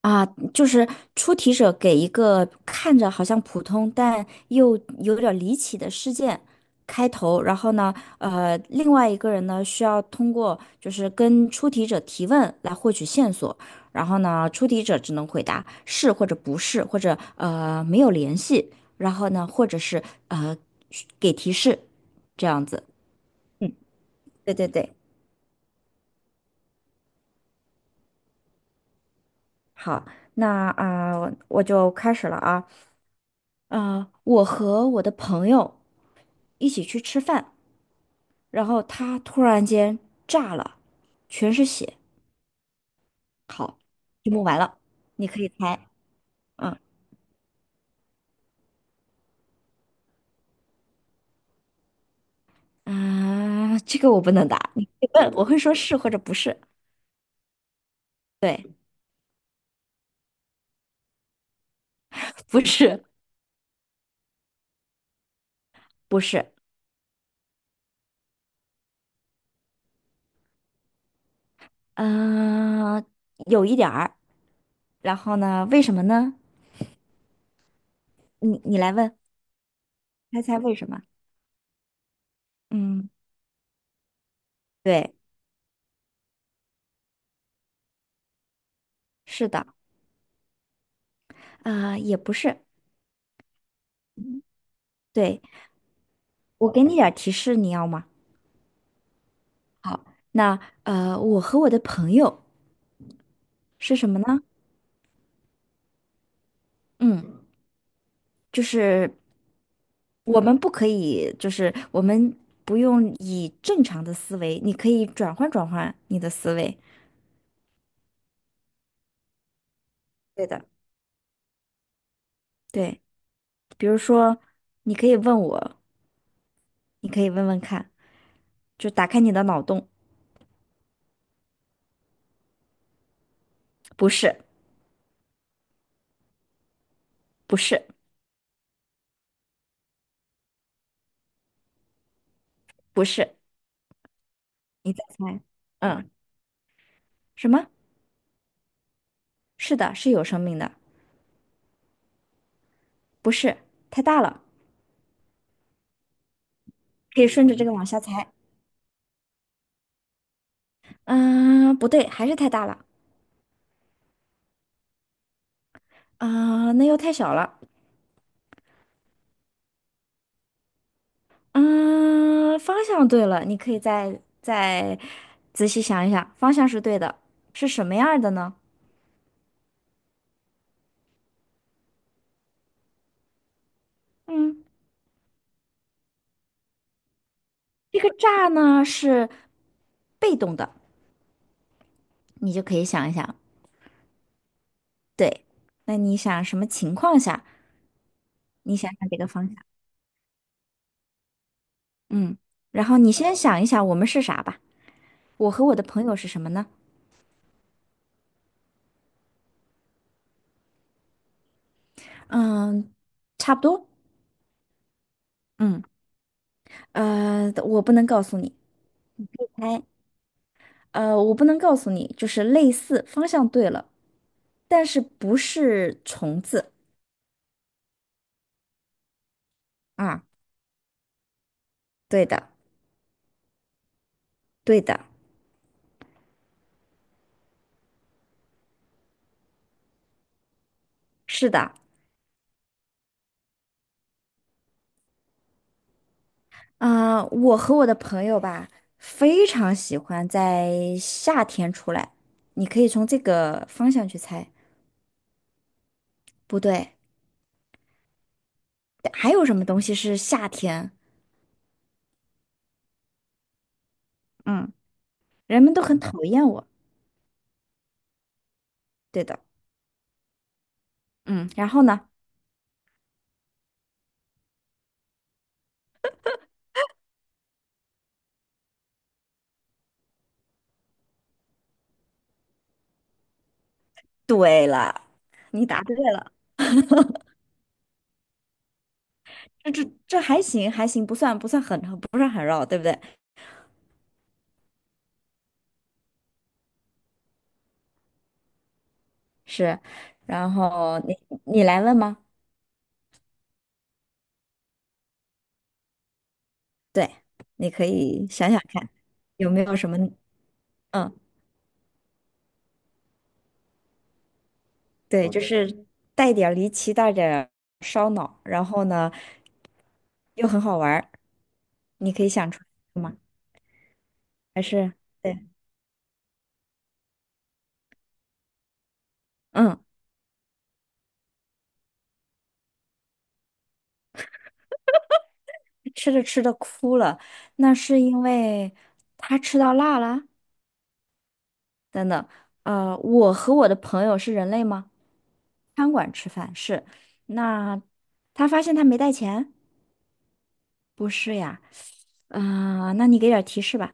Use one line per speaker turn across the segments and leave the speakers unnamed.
啊，就是出题者给一个看着好像普通但又有点儿离奇的事件开头，然后呢，另外一个人呢需要通过就是跟出题者提问来获取线索，然后呢，出题者只能回答是或者不是，或者没有联系，然后呢，或者是呃给提示这样子。嗯，对对对，好，那啊，我就开始了啊。我和我的朋友一起去吃饭，然后他突然间炸了，全是血，就目完了，你可以猜，嗯啊，这个我不能答，你可以问，我会说是或者不是，对，不是，不是，嗯、有一点儿，然后呢，为什么呢？你来问，猜猜为什么？嗯，对，是的，也不是，对，我给你点儿提示，你要吗？好，那呃，我和我的朋友是什么呢？嗯。就是我们不可以，就是我们不用以正常的思维，你可以转换转换你的思维。对的，对，比如说，你可以问我，你可以问问看，就打开你的脑洞，不是，不是，不是，你再猜，嗯，什么？是的，是有生命的，不是，太大了，可以顺着这个往下猜，嗯、不对，还是太大了，那又太小了。嗯，方向对了，你可以再仔细想一想，方向是对的，是什么样儿的呢？嗯，这个炸呢是被动的，你就可以想一想，对，那你想什么情况下？你想想这个方向，嗯，然后你先想一想我们是啥吧，我和我的朋友是什么呢？嗯，差不多，嗯，呃，我不能告诉你，哎，呃，我不能告诉你，就是类似，方向对了。但是不是虫子啊？对的，对的，是的。我和我的朋友吧，非常喜欢在夏天出来。你可以从这个方向去猜。不对，还有什么东西是夏天？嗯，人们都很讨厌我。对的，嗯。然后呢？对了，你答对了。这还行，还行，不算很不是很绕，对不对？是。然后你来问吗？对，你可以想想看，有没有什么，嗯，对，好就的是带点儿离奇，带点儿烧脑，然后呢又很好玩儿，你可以想出来吗？还是对，嗯，吃着吃着哭了，那是因为他吃到辣了。等等，呃，我和我的朋友是人类吗？餐馆吃饭是，那他发现他没带钱，不是呀，啊、那你给点儿提示吧。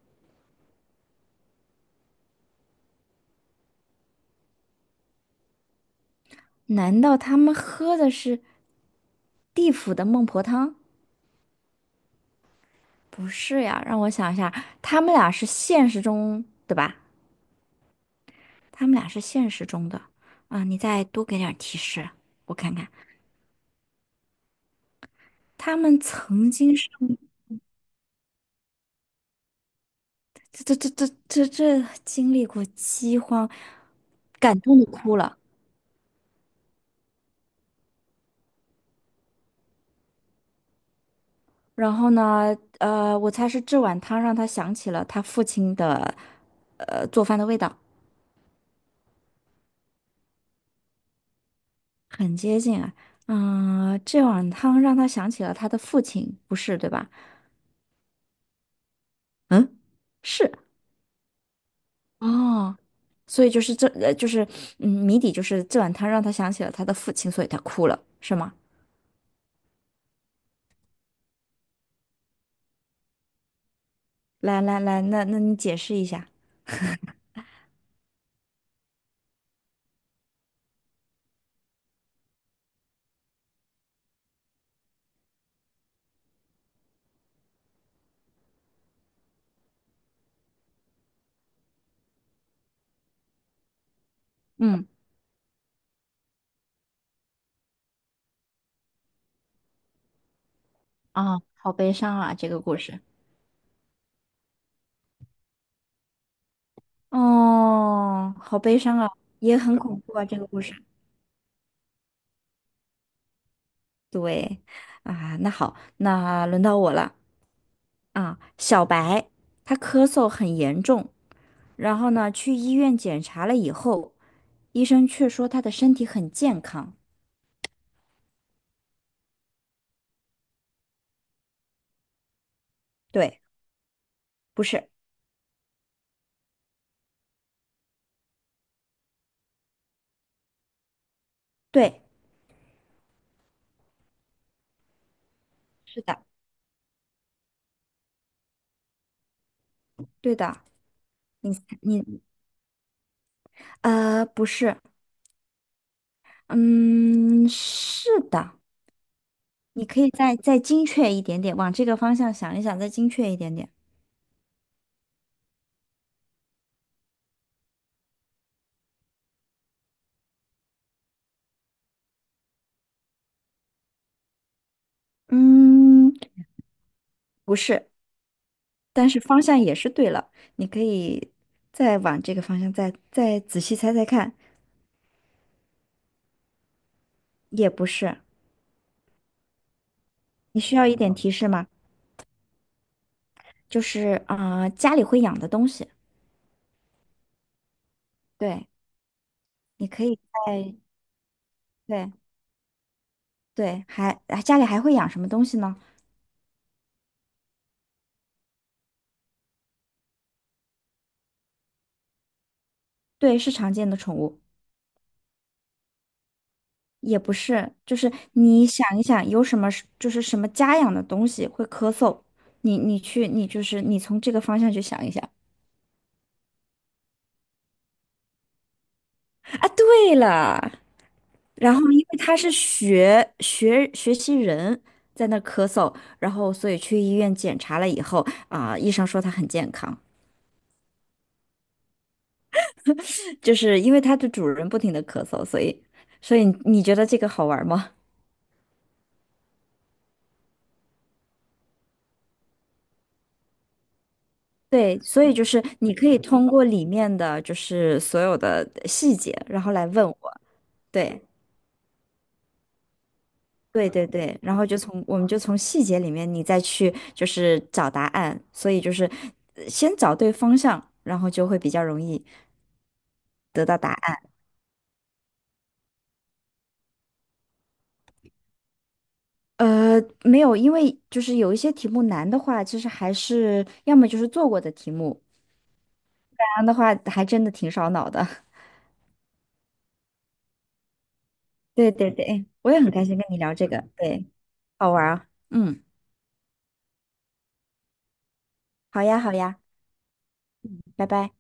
难道他们喝的是地府的孟婆汤？不是呀，让我想一下，他们俩是现实中，对吧？他们俩是现实中的啊，你再多给点儿提示，我看看，他们曾经是这经历过饥荒，感动的哭了。然后呢，呃，我猜是这碗汤让他想起了他父亲的，呃，做饭的味道。很接近啊。嗯，这碗汤让他想起了他的父亲，不是，对吧？嗯，是哦，所以就是这，呃，就是嗯，谜底就是这碗汤让他想起了他的父亲，所以他哭了，是吗？来来来，那那你解释一下。嗯，啊，好悲伤啊，这个故事。哦，好悲伤啊，也很恐怖啊，这个故事。对，啊，那好，那轮到我了啊。小白，他咳嗽很严重，然后呢，去医院检查了以后，医生却说他的身体很健康。对，不是，对，是的，对的。你不是，嗯，是的。你可以再精确一点点，往这个方向想一想，再精确一点点。嗯，不是，但是方向也是对了。你可以再往这个方向再仔细猜猜看，也不是。你需要一点提示吗？就是家里会养的东西。对。你可以在对对，还啊家里还会养什么东西呢？对，是常见的宠物，也不是，就是你想一想，有什么是就是什么家养的东西会咳嗽，你就是你从这个方向去想一想啊。对了，然后因为他是学习人在那咳嗽，然后所以去医院检查了以后医生说他很健康，就是因为它的主人不停的咳嗽，所以所以你觉得这个好玩吗？对，所以就是你可以通过里面的就是所有的细节，然后来问我。对，对对对，然后就从我们就从细节里面你再去就是找答案，所以就是先找对方向，然后就会比较容易得到答案。呃，没有，因为就是有一些题目难的话，其实还是要么就是做过的题目，难的话还真的挺烧脑的。对对对，哎我也很开心跟你聊这个，对，好玩儿啊。嗯，好呀好呀，拜拜。